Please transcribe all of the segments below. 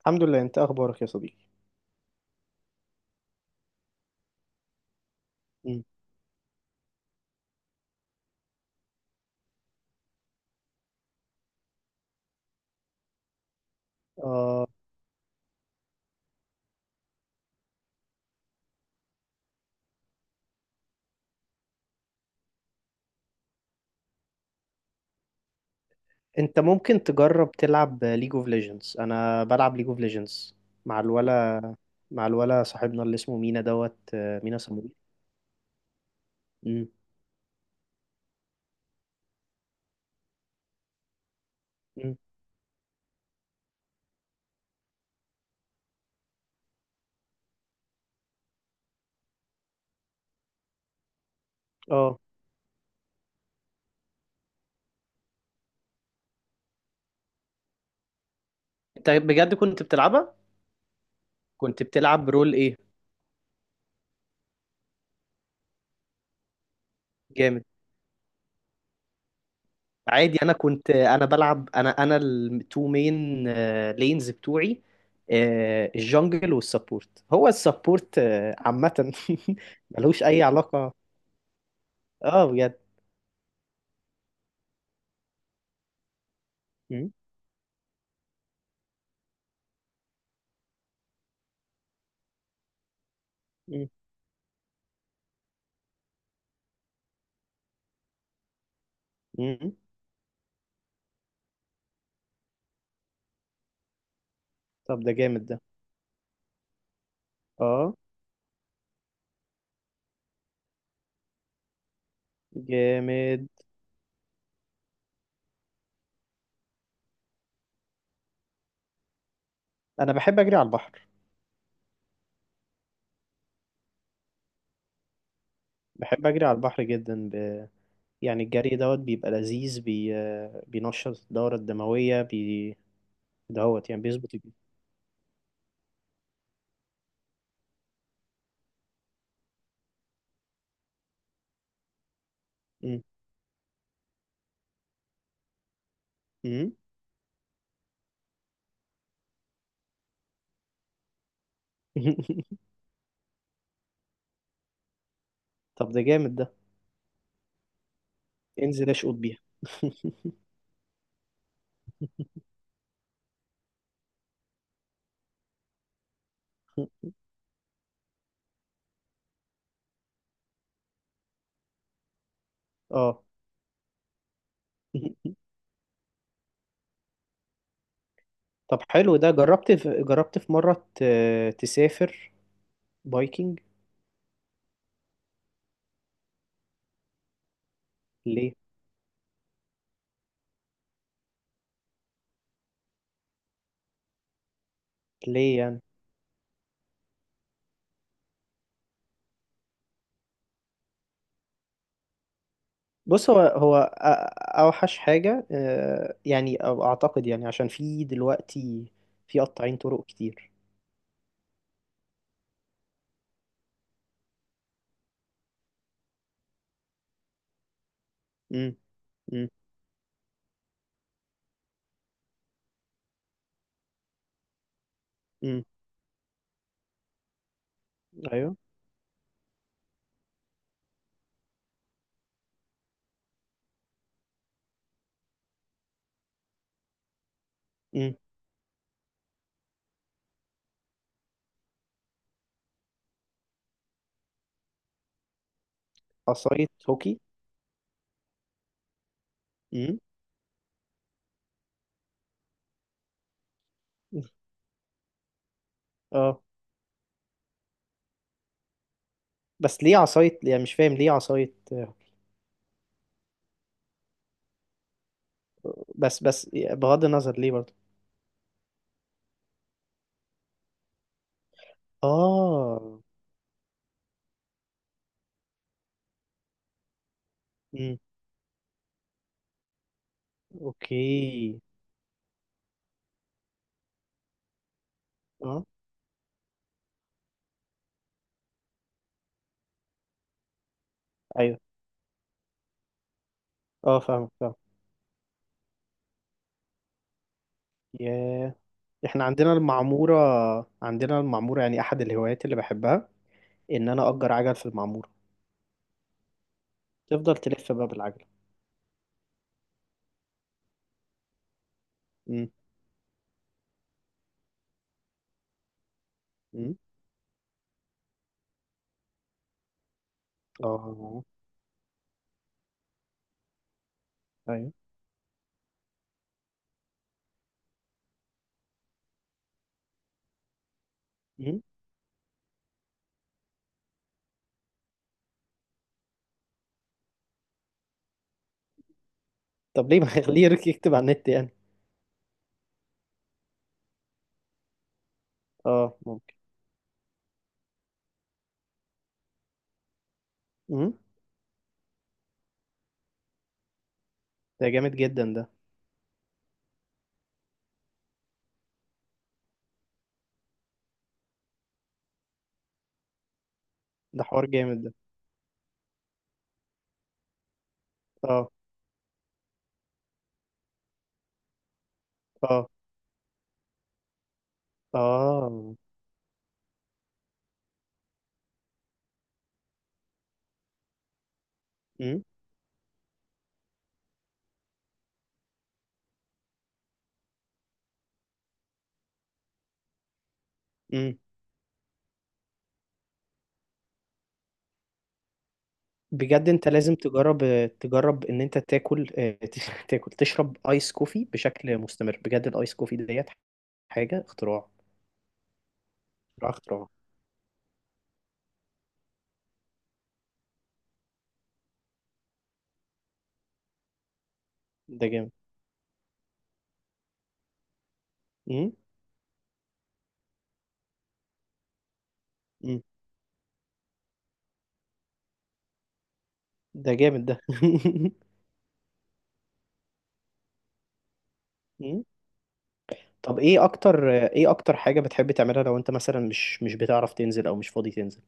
الحمد لله، انت اخبارك يا صديقي؟ مم. آه، انت ممكن تجرب تلعب ليج اوف ليجندز. انا بلعب ليج اوف ليجندز مع الولا مع الولا صاحبنا اللي اسمه مينا دوت، مينا سموري. مم. مم. اه، انت بجد كنت بتلعبها؟ كنت بتلعب رول ايه؟ جامد. عادي، انا كنت، انا بلعب، انا التو مين، لينز بتوعي. الجنجل والسبورت، هو السبورت عامة. ملوش اي علاقة. اه، بجد. مم. مم. طب، ده جامد ده. اه، جامد. انا بحب اجري على البحر. بحب اجري على البحر جدا يعني، الجري دوت بيبقى لذيذ، بي... آه، بينشط الدورة الدموية. دوت، يعني بيظبط الجسم. مم. مم. طب، ده جامد ده. انزل اشقط بيها. اه. طب حلو، ده جربت في مرة تسافر بايكنج؟ ليه؟ ليه يعني؟ بص، هو هو اوحش حاجه، يعني أو اعتقد، يعني عشان في دلوقتي في قطاعين طرق كتير. امم. امم. امم. ايوه. امم. عصايه هوكي؟ امم. اه. بس ليه عصايه؟ يعني مش فاهم ليه عصايه. بس بغض النظر، ليه برضه؟ اه. امم. اوكي. اه. ايوه. اه، فاهم، فاهم. ياه. احنا عندنا المعموره. عندنا المعموره، يعني احد الهوايات اللي بحبها ان انا اجر عجل في المعموره. تفضل تلف بقى بالعجلة. امم. امم. اه. ايوه. امم. طب ليه ما خليه يكتب على النت، يعني؟ اه، ممكن. امم. ده جامد جدا ده. ده حوار جامد ده. اه. اه. اه. امم. امم. بجد، انت لازم تجرب، تجرب ان انت تاكل. تاكل، تشرب ايس كوفي بشكل مستمر، بجد الايس كوفي ديت حاجة اختراع. اختراع، اختراع. ده جامد. امم. امم. ده جامد ده. طب، ايه اكتر حاجة بتحب تعملها؟ لو انت مثلا مش بتعرف تنزل او مش فاضي تنزل.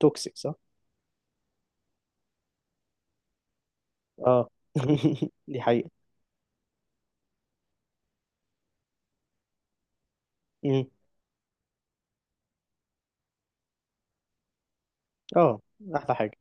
توكسيك، صح. اه. دي حقيقة. امم. اه. احلى حاجة.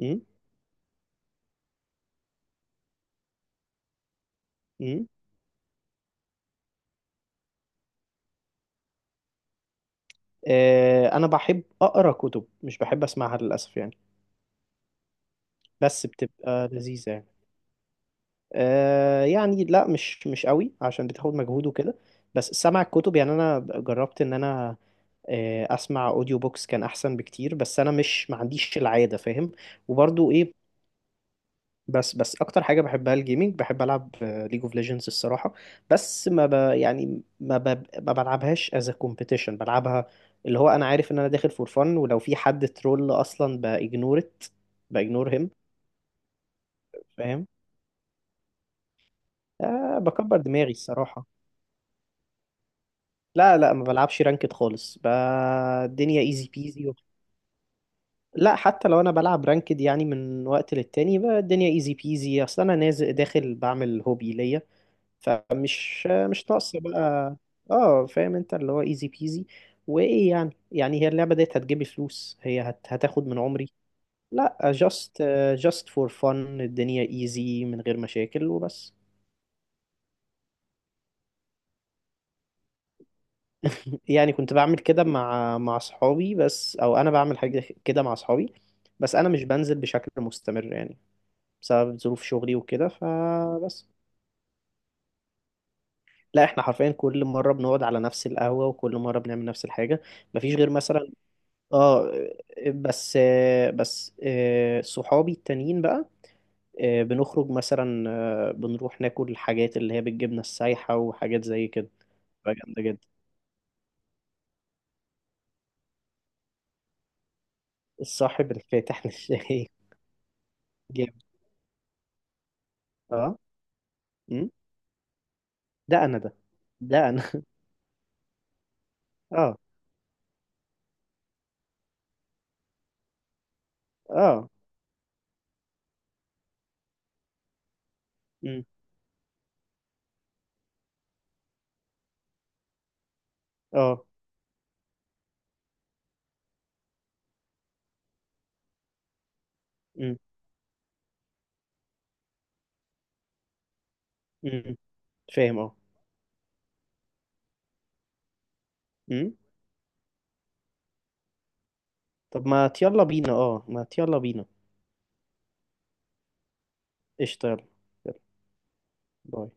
امم. امم. آه، انا بحب اقرا كتب، مش بحب اسمعها للاسف، يعني. بس بتبقى لذيذة، يعني. آه يعني لا، مش قوي، عشان بتاخد مجهود وكده. بس سمع الكتب، يعني انا جربت ان انا اسمع اوديو بوكس، كان احسن بكتير، بس انا مش، ما عنديش العاده، فاهم. وبرضو، ايه. بس اكتر حاجه بحبها الجيمنج، بحب العب ليج اوف ليجندز الصراحه. بس، ما يعني ما ما بلعبهاش از كومبيتيشن، بلعبها. اللي هو، انا عارف ان انا داخل فور فن، ولو في حد ترول اصلا باجنورت، باجنور هيم، فاهم. آه، بكبر دماغي الصراحه. لا، لا، ما بلعبش رانكد خالص. الدنيا ايزي بيزي. لا، حتى لو انا بلعب رانكد يعني من وقت للتاني، بقى الدنيا ايزي بيزي اصلا، انا نازل داخل بعمل هوبي ليا. فمش مش ناقصه بقى. اه، فاهم، انت اللي هو ايزي بيزي. وايه يعني، هي اللعبه ديت هتجيب لي فلوس؟ هي هتاخد من عمري. لا، جاست، جاست فور فن، الدنيا ايزي من غير مشاكل وبس. يعني كنت بعمل كده مع اصحابي بس، او انا بعمل حاجه كده مع اصحابي. بس انا مش بنزل بشكل مستمر، يعني، بسبب ظروف شغلي وكده، فبس. لا، احنا حرفيا كل مره بنقعد على نفس القهوه وكل مره بنعمل نفس الحاجه. مفيش غير مثلا. اه. بس. بس صحابي التانيين بقى، بنخرج مثلا، بنروح ناكل الحاجات اللي هي بالجبنة السايحة وحاجات زي كده، بقى جامدة جدا. الصاحب الفاتح للشاي. جامد. اه. أمم. ده انا ده. ده انا. اه. اه. أمم. اه. أمم. أمم. فاهم، اه. أمم. طب ما يلا بينا، اه، ما يلا بينا. قشطة، يلا. يلا. باي.